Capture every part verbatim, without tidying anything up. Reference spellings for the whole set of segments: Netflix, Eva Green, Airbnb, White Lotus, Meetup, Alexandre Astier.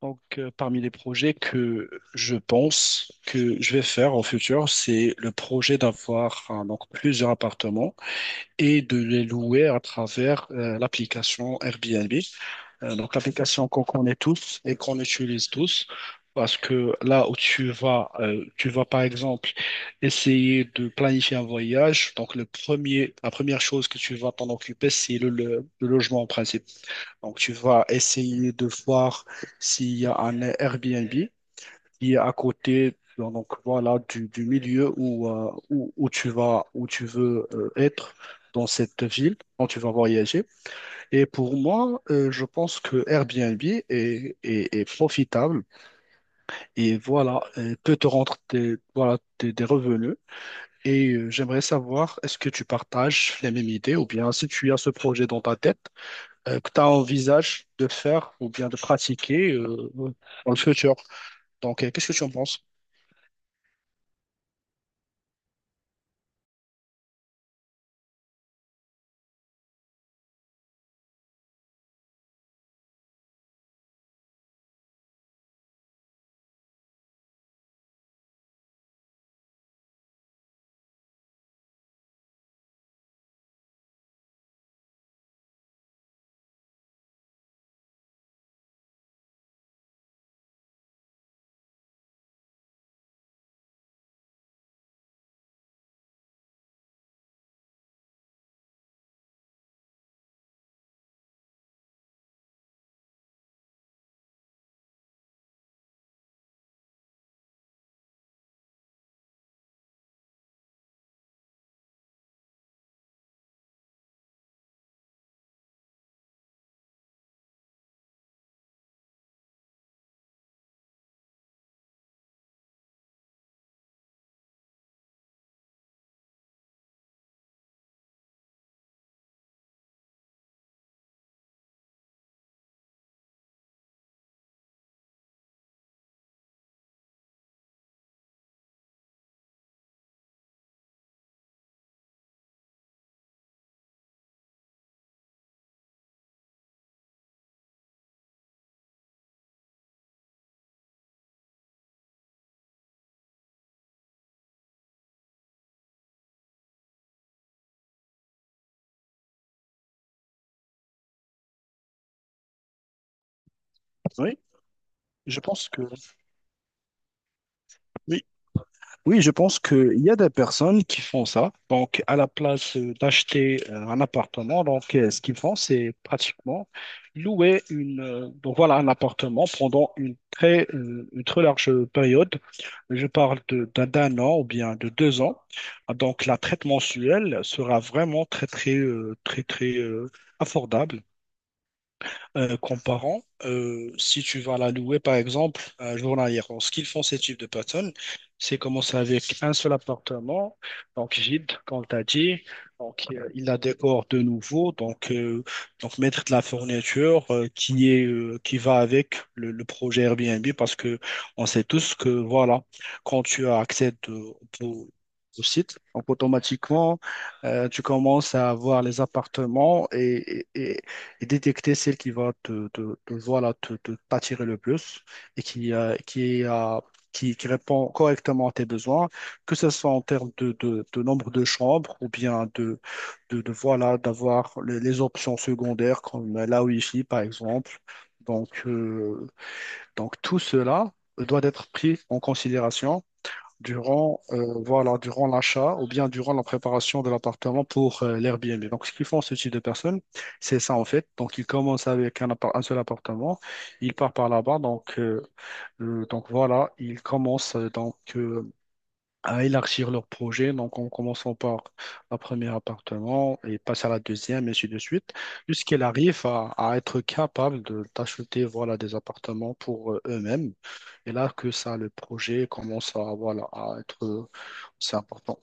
Donc, euh, parmi les projets que je pense que je vais faire en futur, c'est le projet d'avoir, hein, donc plusieurs appartements et de les louer à travers euh, l'application Airbnb. Euh, donc, l'application qu'on connaît tous et qu'on utilise tous. Parce que là où tu vas, euh, tu vas par exemple essayer de planifier un voyage. Donc, le premier, la première chose que tu vas t'en occuper, c'est le le- le logement principal. Donc, tu vas essayer de voir s'il y a un Airbnb qui est à côté, donc voilà, du, du milieu où, euh, où, où tu vas, où tu veux, euh, être dans cette ville quand tu vas voyager. Et pour moi, euh, je pense que Airbnb est, est, est profitable et voilà, euh, peut te rendre des, voilà, des, des revenus. Et euh, j'aimerais savoir, est-ce que tu partages les mêmes idées, ou bien si tu as ce projet dans ta tête euh, que tu envisages de faire ou bien de pratiquer euh, dans le futur. Donc, euh, qu'est-ce que tu en penses? Oui, je pense que oui. Oui, je pense qu'il y a des personnes qui font ça. Donc, à la place euh, d'acheter euh, un appartement, donc euh, ce qu'ils font, c'est pratiquement louer une euh, donc voilà un appartement pendant une très euh, une très large période. Je parle de d'un d'un an ou bien de deux ans. Donc, la traite mensuelle sera vraiment très très euh, très très euh, abordable, Euh, comparant, euh, si tu vas la louer par exemple à journalière. Alors, ce qu'ils font, ces types de personnes, c'est commencer avec un seul appartement, donc vide, comme tu as dit. Donc euh, il la décore de nouveau, donc, euh, donc mettre de la fourniture euh, qui est, euh, qui va avec le, le projet Airbnb, parce que on sait tous que voilà, quand tu accèdes au, au- au site, donc automatiquement, euh, tu commences à avoir les appartements et, et- et détecter celle qui va te, te, te- voilà, te, te- t'attirer le plus et qui, euh, qui, euh, qui, qui répond correctement à tes besoins, que ce soit en termes de, de, de nombre de chambres ou bien de, de, de, voilà, d'avoir les, les options secondaires comme la Wi-Fi par exemple. Donc, euh, donc tout cela doit être pris en considération durant, euh, voilà, durant l'achat ou bien durant la préparation de l'appartement pour euh, l'Airbnb. Donc, ce qu'ils font, ce type de personnes, c'est ça en fait. Donc, ils commencent avec un, appart- un seul appartement, ils partent par là-bas. Donc, euh, euh, donc voilà, ils commencent euh, donc, euh, à élargir leur projet. Donc, en commençant par un premier appartement et passent à la deuxième, et ainsi de suite, jusqu'ils arrivent à, à être capables de- d'acheter, voilà, des appartements pour euh, eux-mêmes. Et là que ça, le projet commence à, voilà, à être c'est important.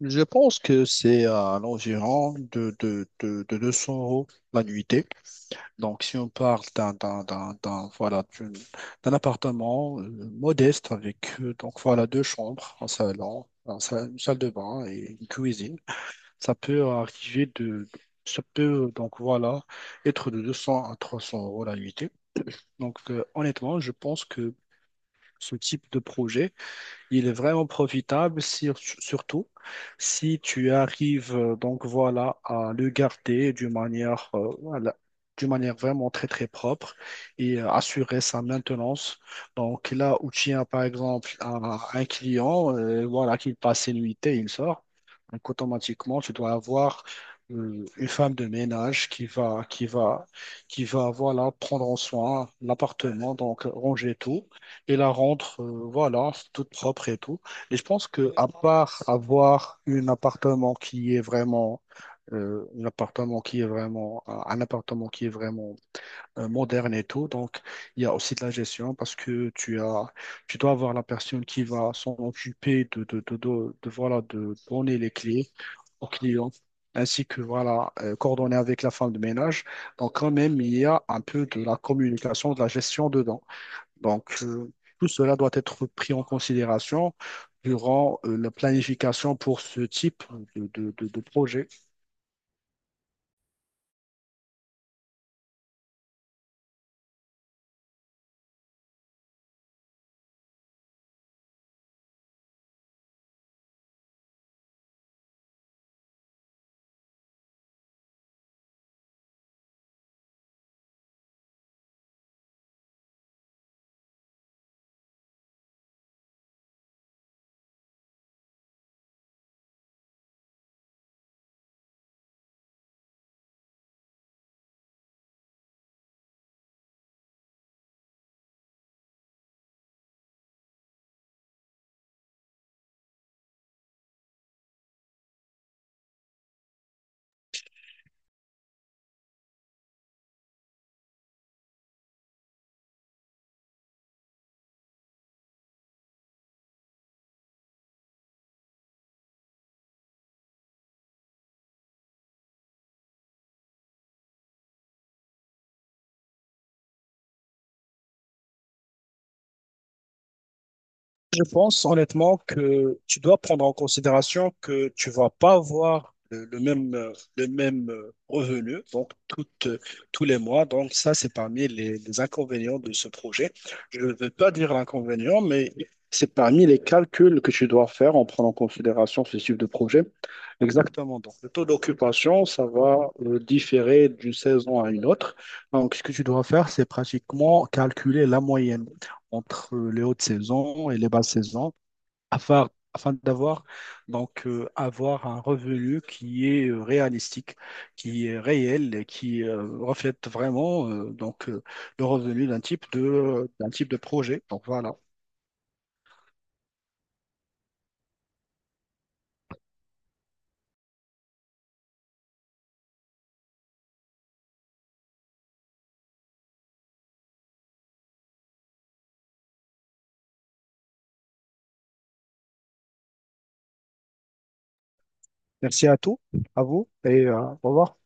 Je pense que c'est euh, à l'environ de, de, de, de deux cents euros la nuitée. Donc, si on parle d'un d'un- d'un- d'un- voilà, d'une- d'un appartement euh, modeste avec euh, donc, voilà, deux chambres, un salon, un sa- une salle de bain et une cuisine, ça peut arriver de... Ça peut, euh, donc voilà, être de deux cents à trois cents euros la nuitée. Donc, euh, honnêtement, je pense que ce type de projet, il est vraiment profitable, sur- surtout si tu arrives euh, donc voilà à le garder d'une manière, euh, voilà, d'une manière vraiment très très propre et euh, assurer sa maintenance. Donc là où tu as par exemple un, un client, euh, voilà, qu'il passe ses nuitées, il sort. Donc automatiquement tu dois avoir euh, une femme de ménage qui va qui va qui va, voilà, prendre en soin l'appartement, donc ranger tout. Et la rentre, euh, voilà, c'est toute propre et tout. Et je pense que à part avoir un appartement qui est vraiment, euh, un appartement qui est vraiment, un un appartement qui est vraiment euh, moderne et tout, donc il y a aussi de la gestion, parce que tu as, tu dois avoir la personne qui va s'en occuper de, de, de, de, de, voilà, de donner les clés au client, ainsi que voilà, euh, coordonner avec la femme de ménage. Donc quand même, il y a un peu de la communication, de la gestion dedans. Donc, euh, Tout cela doit être pris en considération durant euh, la planification pour ce type de, de, de- de projet. Je pense honnêtement que tu dois prendre en considération que tu vas pas avoir le, le même, euh, le même euh, revenu donc toutes, euh, tous les mois. Donc ça, c'est parmi les, les inconvénients de ce projet. Je ne veux pas dire l'inconvénient, mais c'est parmi les calculs que tu dois faire en prenant en considération ce type de projet. Exactement. Donc le taux d'occupation, ça va euh, différer d'une saison à une autre. Donc ce que tu dois faire, c'est pratiquement calculer la moyenne entre les hautes saisons et les basses saisons afin, afin d'avoir donc euh, avoir un revenu qui est euh, réalistique, qui est réel et qui, euh, reflète vraiment, euh, donc euh, le revenu d'un type de d'un type de projet. Donc voilà. Merci à tous, à vous, et euh, au revoir.